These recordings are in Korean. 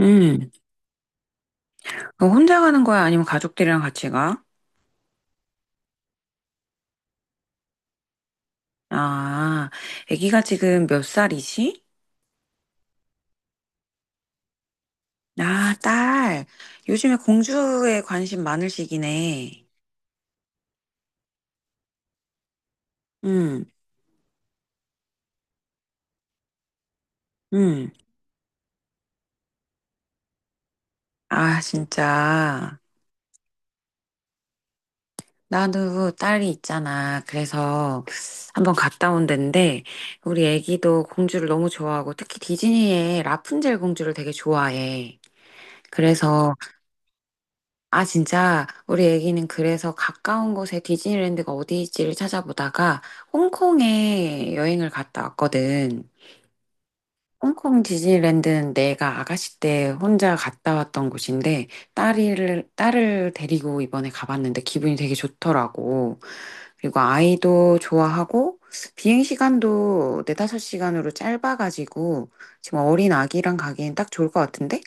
음, 그럼 혼자 가는 거야? 아니면 가족들이랑 같이 가? 아, 아기가 지금 몇 살이지? 아, 딸. 요즘에 공주에 관심 많을 시기네. 음, 음. 아, 진짜. 나도 딸이 있잖아. 그래서 한번 갔다 온 데인데, 우리 아기도 공주를 너무 좋아하고, 특히 디즈니의 라푼젤 공주를 되게 좋아해. 그래서 아, 진짜, 우리 애기는 그래서 가까운 곳에 디즈니랜드가 어디일지를 찾아보다가 홍콩에 여행을 갔다 왔거든. 홍콩 디즈니랜드는 내가 아가씨 때 혼자 갔다 왔던 곳인데 딸을 데리고 이번에 가봤는데 기분이 되게 좋더라고. 그리고 아이도 좋아하고 비행 시간도 네다섯 시간으로 짧아가지고 지금 어린 아기랑 가기엔 딱 좋을 것 같은데?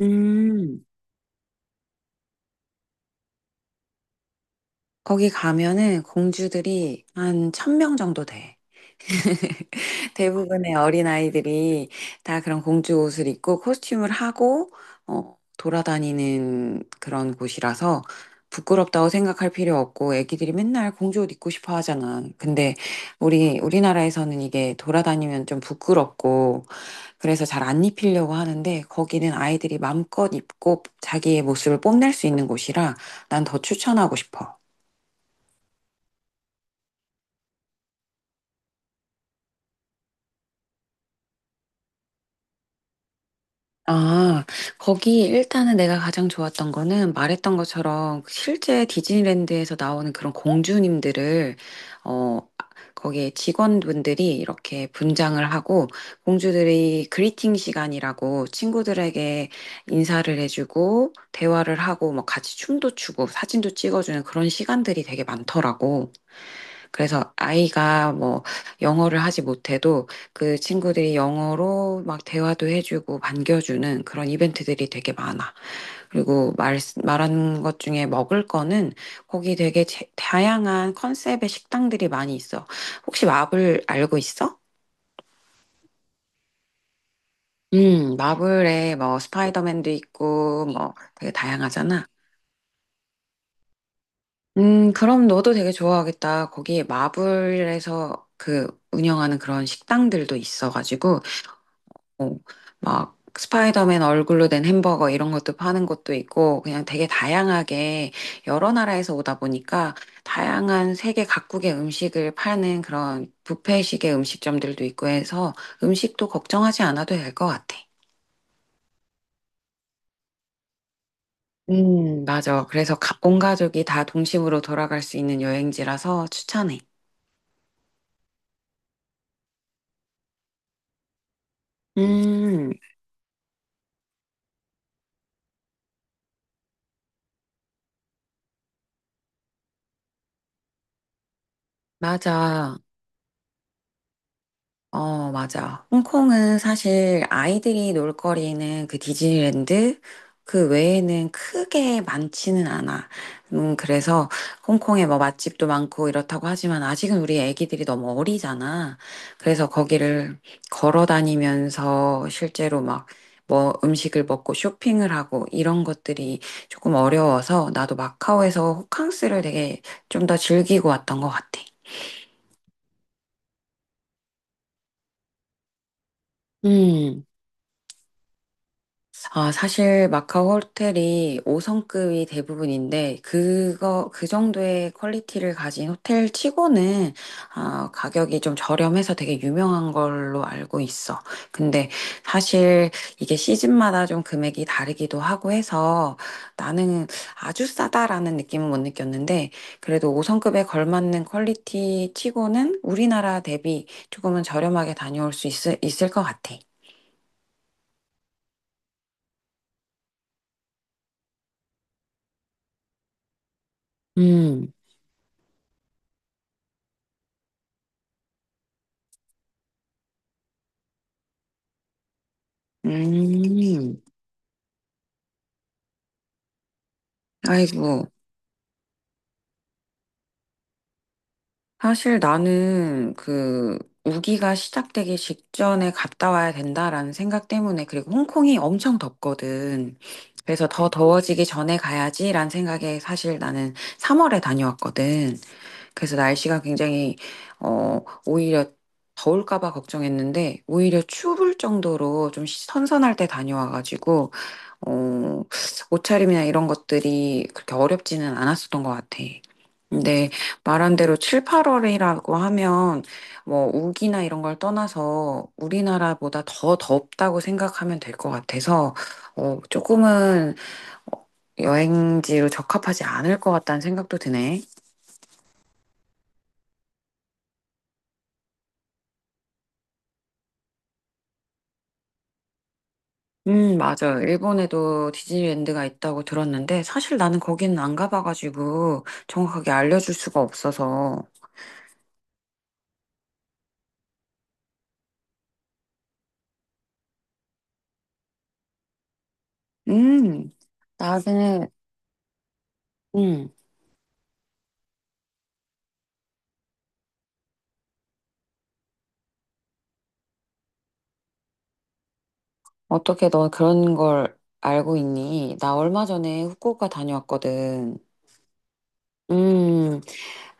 음. 거기 가면은 공주들이 한 천명 정도 돼. 대부분의 어린아이들이 다 그런 공주 옷을 입고 코스튬을 하고, 돌아다니는 그런 곳이라서 부끄럽다고 생각할 필요 없고, 애기들이 맨날 공주 옷 입고 싶어 하잖아. 근데 우리나라에서는 이게 돌아다니면 좀 부끄럽고, 그래서 잘 안 입히려고 하는데, 거기는 아이들이 마음껏 입고 자기의 모습을 뽐낼 수 있는 곳이라 난 더 추천하고 싶어. 아, 거기 일단은 내가 가장 좋았던 거는 말했던 것처럼 그 실제 디즈니랜드에서 나오는 그런 공주님들을, 어, 거기에 직원분들이 이렇게 분장을 하고 공주들이 그리팅 시간이라고 친구들에게 인사를 해주고 대화를 하고 뭐 같이 춤도 추고 사진도 찍어주는 그런 시간들이 되게 많더라고. 그래서 아이가 뭐 영어를 하지 못해도 그 친구들이 영어로 막 대화도 해주고 반겨주는 그런 이벤트들이 되게 많아. 그리고 말한 것 중에 먹을 거는 거기 되게 다양한 컨셉의 식당들이 많이 있어. 혹시 마블 알고 있어? 마블에 뭐 스파이더맨도 있고 뭐 되게 다양하잖아. 그럼 너도 되게 좋아하겠다. 거기 마블에서 그 운영하는 그런 식당들도 있어가지고 어, 막 스파이더맨 얼굴로 된 햄버거 이런 것도 파는 곳도 있고 그냥 되게 다양하게 여러 나라에서 오다 보니까 다양한 세계 각국의 음식을 파는 그런 뷔페식의 음식점들도 있고 해서 음식도 걱정하지 않아도 될 것 같아. 맞아. 그래서 온 가족이 다 동심으로 돌아갈 수 있는 여행지라서 추천해. 음, 맞아. 어, 맞아. 홍콩은 사실 아이들이 놀 거리는 그 디즈니랜드 그 외에는 크게 많지는 않아. 그래서 홍콩에 뭐 맛집도 많고 이렇다고 하지만 아직은 우리 애기들이 너무 어리잖아. 그래서 거기를 걸어 다니면서 실제로 막 뭐 음식을 먹고 쇼핑을 하고 이런 것들이 조금 어려워서 나도 마카오에서 호캉스를 되게 좀 더 즐기고 왔던 것 같아. 음. 아, 사실 마카오 호텔이 5성급이 대부분인데, 그 정도의 퀄리티를 가진 호텔 치고는, 가격이 좀 저렴해서 되게 유명한 걸로 알고 있어. 근데 사실 이게 시즌마다 좀 금액이 다르기도 하고 해서 나는 아주 싸다라는 느낌은 못 느꼈는데, 그래도 5성급에 걸맞는 퀄리티 치고는 우리나라 대비 조금은 저렴하게 다녀올 수 있을 것 같아. 음, 음. 아이고, 사실 나는 그 우기가 시작되기 직전에 갔다 와야 된다라는 생각 때문에 그리고 홍콩이 엄청 덥거든. 그래서 더 더워지기 전에 가야지라는 생각에 사실 나는 3월에 다녀왔거든. 그래서 날씨가 굉장히 어 오히려 더울까 봐 걱정했는데 오히려 추울 정도로 좀 선선할 때 다녀와가지고 어 옷차림이나 이런 것들이 그렇게 어렵지는 않았었던 것 같아. 근데 말한 대로 7, 8월이라고 하면 뭐 우기나 이런 걸 떠나서 우리나라보다 더 덥다고 생각하면 될 것 같아서 조금은 어, 여행지로 적합하지 않을 것 같다는 생각도 드네. 맞아요. 일본에도 디즈니랜드가 있다고 들었는데, 사실 나는 거기는 안 가봐가지고, 정확하게 알려줄 수가 없어서. 음, 나는, 음, 어떻게 너 그런 걸 알고 있니? 나 얼마 전에 후쿠오카 다녀왔거든. 음,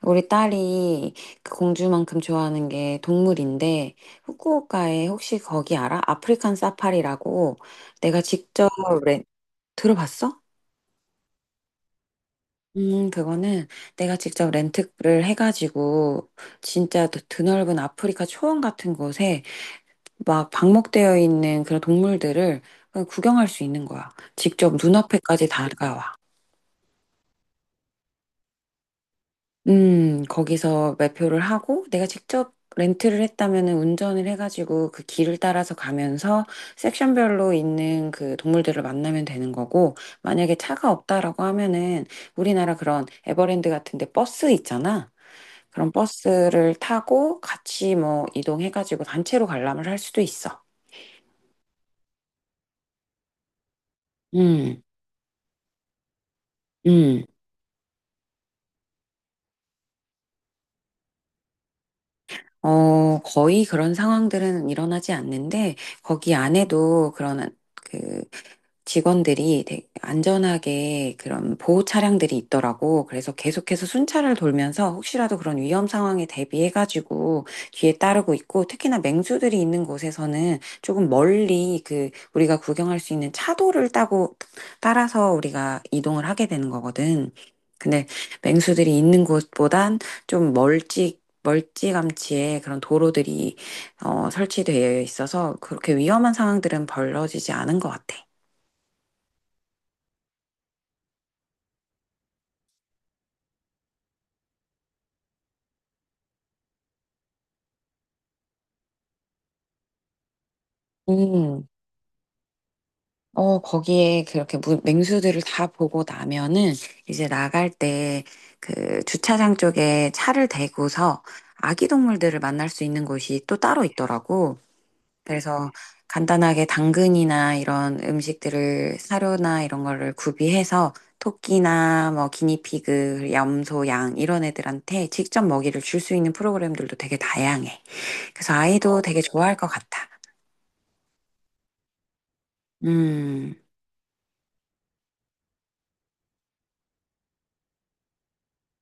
우리 딸이 그 공주만큼 좋아하는 게 동물인데, 후쿠오카에 혹시 거기 알아? 아프리칸 사파리라고 내가 직접, 렌- 들어봤어? 그거는 내가 직접 렌트를 해가지고 진짜 드넓은 아프리카 초원 같은 곳에 막 방목되어 있는 그런 동물들을 그냥 구경할 수 있는 거야. 직접 눈앞에까지 다가와. 거기서 매표를 하고 내가 직접 렌트를 했다면은 운전을 해가지고 그 길을 따라서 가면서 섹션별로 있는 그 동물들을 만나면 되는 거고 만약에 차가 없다라고 하면은 우리나라 그런 에버랜드 같은데 버스 있잖아. 그런 버스를 타고 같이 뭐 이동해가지고 단체로 관람을 할 수도 있어. 음, 음. 거의 그런 상황들은 일어나지 않는데, 거기 안에도 그런, 그, 직원들이 되게 안전하게 그런 보호 차량들이 있더라고. 그래서 계속해서 순찰을 돌면서 혹시라도 그런 위험 상황에 대비해가지고 뒤에 따르고 있고, 특히나 맹수들이 있는 곳에서는 조금 멀리 그 우리가 구경할 수 있는 차도를 따고 따라서 우리가 이동을 하게 되는 거거든. 근데 맹수들이 있는 곳보단 좀 멀찍 멀찌감치에 그런 도로들이 설치되어 있어서 그렇게 위험한 상황들은 벌어지지 않은 것 같아. 음, 거기에 그렇게 맹수들을 다 보고 나면은 이제 나갈 때 그 주차장 쪽에 차를 대고서 아기 동물들을 만날 수 있는 곳이 또 따로 있더라고. 그래서 간단하게 당근이나 이런 음식들을 사료나 이런 거를 구비해서 토끼나 뭐 기니피그, 염소, 양 이런 애들한테 직접 먹이를 줄 수 있는 프로그램들도 되게 다양해. 그래서 아이도 되게 좋아할 것 같아. 음.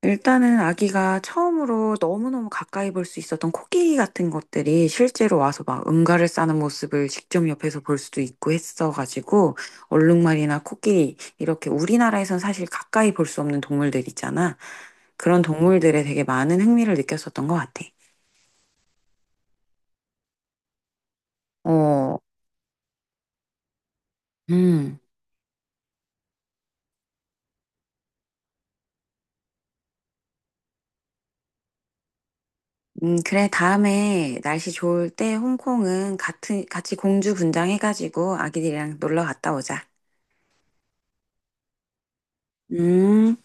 일단은 아기가 처음으로 너무너무 가까이 볼 수 있었던 코끼리 같은 것들이 실제로 와서 막 응가를 싸는 모습을 직접 옆에서 볼 수도 있고 했어가지고 얼룩말이나 코끼리 이렇게 우리나라에선 사실 가까이 볼 수 없는 동물들 있잖아. 그런 동물들에 되게 많은 흥미를 느꼈었던 것 같아. 어, 음. 그래, 다음에 날씨 좋을 때 홍콩은 같이 공주 분장해가지고 아기들이랑 놀러 갔다 오자. 음.